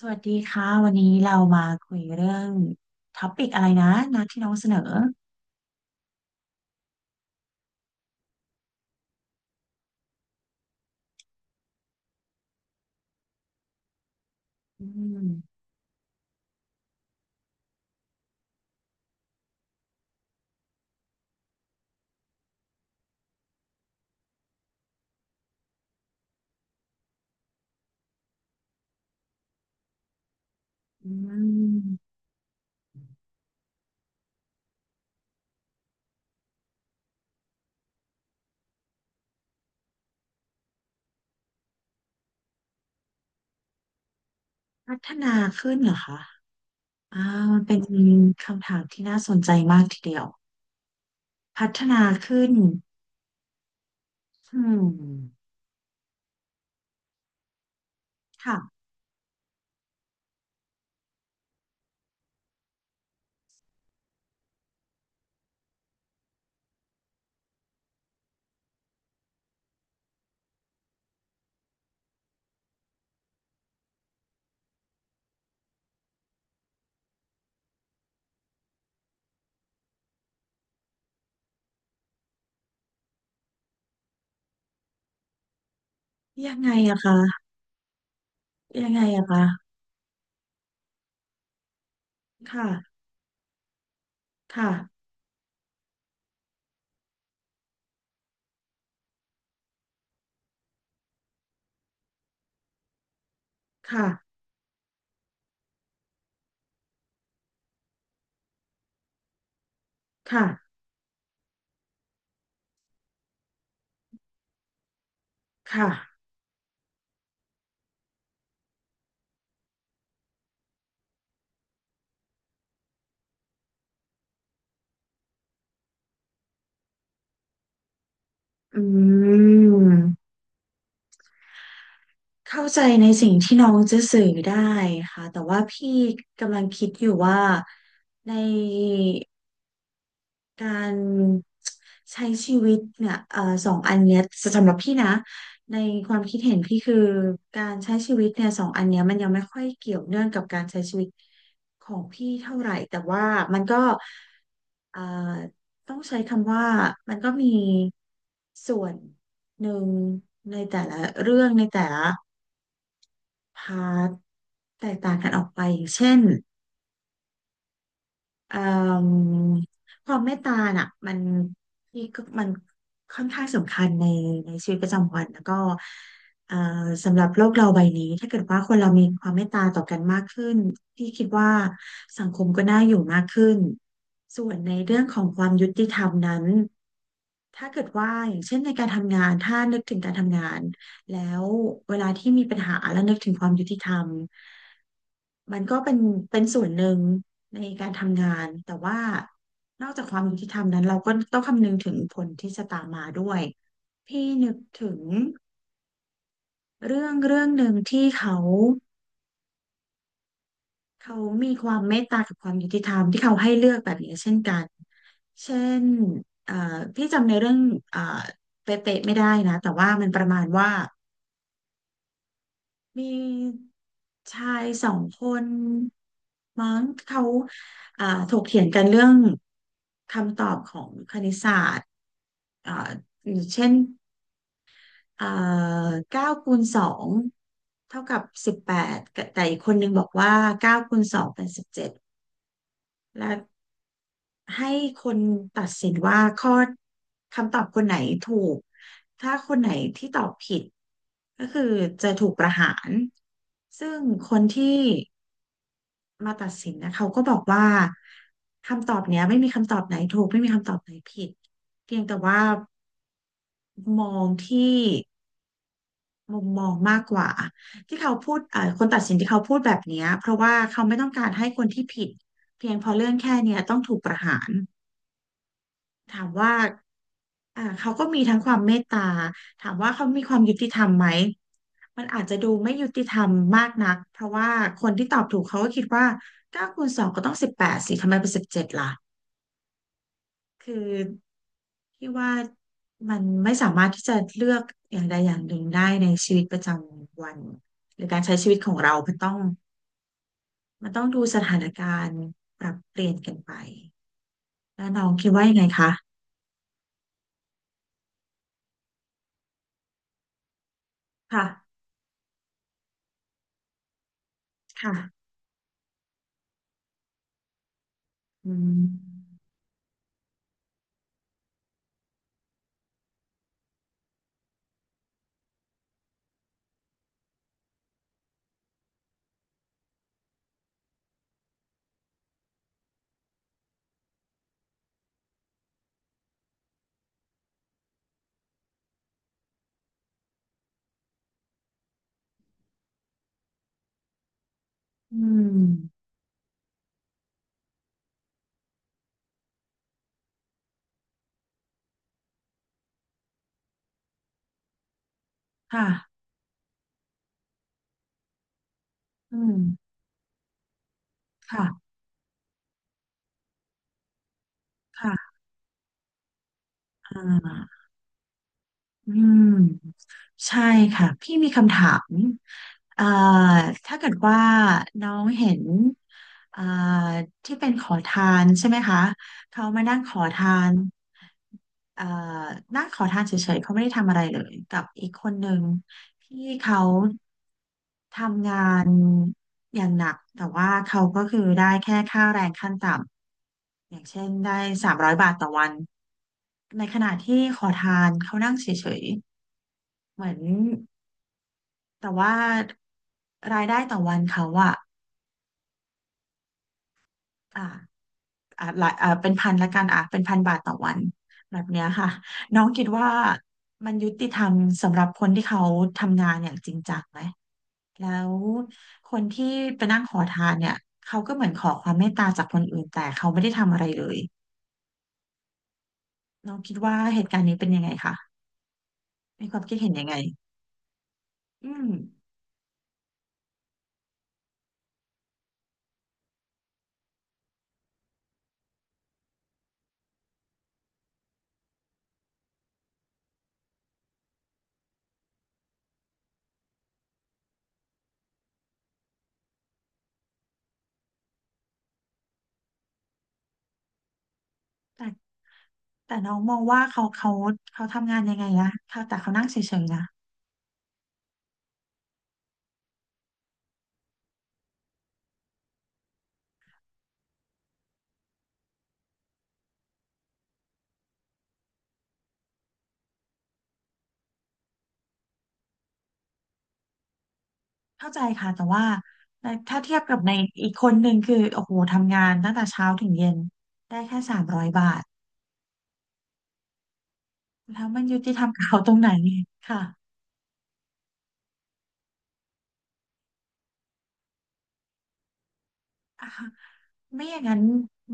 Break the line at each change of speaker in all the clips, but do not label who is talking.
สวัสดีค่ะวันนี้เรามาคุยเรื่องท็อปิกอะไรนะนัดที่น้องเสนออืมอืมพัฒนาขึ้นเหรอคะอ่ามันเป็นคำถามที่น่าสนใจมากทีเดียวพัฒนาขึ้นอืมค่ะยังไงอะคะยังไงอะคะค่ะค่ะค่ะค่ะค่ะอืมเข้าใจในสิ่งที่น้องจะสื่อได้ค่ะแต่ว่าพี่กำลังคิดอยู่ว่าใน การใช้ชีวิตเนี่ยสองอันเนี้ยสำหรับพี่นะในความคิดเห็นพี่คือการใช้ชีวิตเนี่ยสองอันเนี้ยมันยังไม่ค่อยเกี่ยวเนื่องกับการใช้ชีวิตของพี่เท่าไหร่แต่ว่ามันก็เอ่อต้องใช้คำว่ามันก็มีส่วนหนึ่งในแต่ละเรื่องในแต่ละพาร์ทแตกต่างกันออกไปอย่างเช่น เอ่มความเมตตาน่ะมันพี่ก็มันค่อนข้างสำคัญในชีวิตประจำวันแล้วก็เอ่อสำหรับโลกเราใบนี้ถ้าเกิดว่าคนเรามีความเมตตาต่อกันมากขึ้นพี่คิดว่าสังคมก็น่าอยู่มากขึ้นส่วนในเรื่องของความยุติธรรมนั้น ถ้าเกิดว่าอย่างเช่นในการทำงานถ้านึกถึงการทำงานแล้วเวลาที่มีปัญหาแล้วนึกถึงความยุติธรรมมันก็เป็นส่วนหนึ่งในการทำงานแต่ว่านอกจากความยุติธรรมนั้นเราก็ต้องคำนึงถึงผลที่จะตามมาด้วยพี่นึกถึงเรื่องเรื่องหนึ่งที่เขา เขามีความเมตตากับความยุติธรรมที่เขาให้เลือกแบบนี้เช่นกัน เช่นเอ่อพี่จำในเรื่องเอ่อเป๊ะๆไม่ได้นะ แต่ว่ามันประมาณว่ามีชายสองคนมั้งเขาเอ่อถกเถียงกันเรื่องคำตอบของคณิตศาสตร์เอ่ออย่างเช่นเอ่อเก้าคูณสองเท่ากับสิบแปดแต่อีกคนนึงบอกว่าเก้าคูณสองเป็นสิบเจ็ดและ ให้คนตัดสินว่าข้อคำตอบคนไหนถูก ถ้าคนไหนที่ตอบผิดก็คือจะถูกประหาร ซึ่งคนที่มาตัดสินนะเขาก็บอกว่าคำตอบเนี้ยไม่มีคำตอบไหนถูกไม่มีคำตอบไหนผิด เพียงแต่ว่ามองที่มุมมองมากกว่าที่เขาพูดคนตัดสินที่เขาพูดแบบเนี้ยเพราะว่าเขาไม่ต้องการให้คนที่ผิดเพียงเพอเรื่องแค่เนี้ยต้องถูกประหารถามว่า เขาก็มีทั้งความเมตตาถามว่าเขามีความยุติธรรมไหมมันอาจจะดูไม่ยุติธรรมมากนักเพราะว่าคนที่ตอบถูกเขาก็คิดว่าเก้าคูณสองก็ต้องสิบแปดสิทำไมเป็นสิบเจ็ดล่ะคือที่ว่ามันไม่สามารถที่จะเลือกอย่างใดอย่างหนึ่งได้ในชีวิตประจำวันหรือการใช้ชีวิตของเรามันต้องดูสถานการณ์ปรับเปลี่ยนกันไปแล้วน้องคิดว่ายังไงคะค่ะค่ะอืมอืมค่ะ อืมค่ะค่ะอ่าอืมใช่ค่ะ พี่มีคำถามเอ่อถ้าเกิดว่าน้องเห็นเอ่อที่เป็นขอทานใช่ไหมคะ เขามานั่งขอทานเอ่อนั่งขอทานเฉยๆ เขาไม่ได้ทำอะไรเลยกับอีกคนหนึ่งที่เขาทำงานอย่างหนัก แต่ว่าเขาก็คือได้แค่ค่าแรงขั้นต่ำ อย่างเช่นได้300 บาทต่อวัน ในขณะที่ขอทานเขานั่งเฉยๆเหมือนแต่ว่ารายได้ต่อวันเขาอะอ่าอ่าหลายอ่าเป็นพันละกันอ่ะเป็นพันบาทต่อวันแบบเนี้ยค่ะน้องคิดว่ามันยุติธรรมสำหรับคนที่เขาทำงานอย่างจริงจังไหมแล้วคนที่ไปนั่งขอทานเนี่ยเขาก็เหมือนขอความเมตตาจากคนอื่นแต่เขาไม่ได้ทำอะไรเลยน้องคิดว่าเหตุการณ์นี้เป็นยังไงคะมีความคิดเห็นยังไงอืมแต่ น้องมองว่าเขาทำงานยังไงนะเขาแต่เขานั่งเฉยๆนะเข้าใจค่ะแต่ว่าในถ้าเทียบกับในอีกคนหนึ่งคือโอ้โหทำงานตั้งแต่เช้าถึงเย็นได้แค่สามร้อยบาทแล้วมันยุติธรรมกับเขาตรงไหนค่ะอ่ะ ไม่อย่างนั้น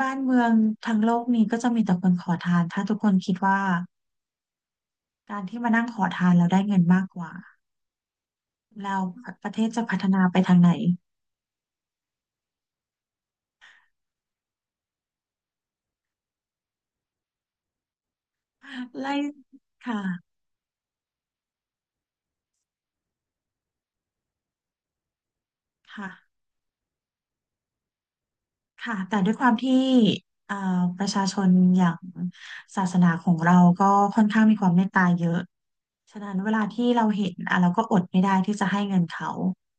บ้านเมืองทั้งโลกนี้ก็จะมีแต่คนขอทานถ้าทุกคนคิดว่าการที่มานั่งขอทานแล้วได้เงินมากกว่าแล้วประเทศจะพัฒนาไปทางไหน ไล่ค่ะค่ะ ค่ะแต่ด้วยความที่เอ่อประชาชนอย่างศาสนาของเราก็ค่อนข้างมีความเมตตาเยอะฉะนั้นเวลาที่เราเห็นอ่ะเราก็อดไม่ได้ที่จะให้เงินเขา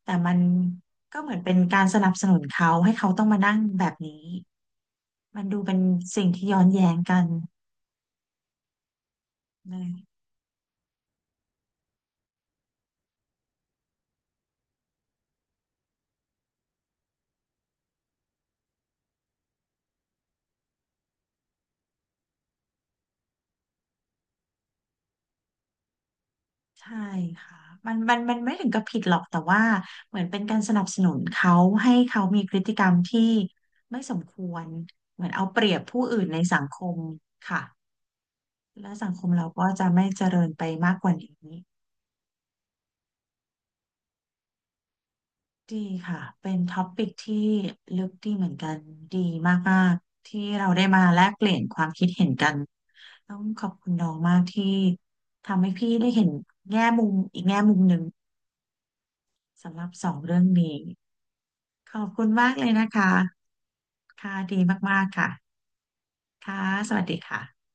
แต่มันก็เหมือนเป็นการสนับสนุนเขาให้เขาต้องมานั่งแบบนี้มันดูเป็นสิ่งที่ย้อนแย้งกันเลย ใช่ค่ะมันไม่ถึงกับผิดหรอกแต่ว่าเหมือนเป็นการสนับสนุนเขาให้เขามีพฤติกรรมที่ไม่สมควรเหมือนเอาเปรียบผู้อื่นในสังคมค่ะและสังคมเราก็จะไม่เจริญไปมากกว่านี้ดีค่ะเป็นท็อปิกที่ลึกดีเหมือนกันดีมากๆที่เราได้มาแลกเปลี่ยนความคิดเห็นกันต้องขอบคุณน้องมากที่ทำให้พี่ได้เห็นแง่มุมอีกแง่มุมหนึ่ง สำหรับสองเรื่องนี้ขอบคุณมากเลยนะคะค่ะดีมากๆค่ะค่ะสวัสดีค่ะ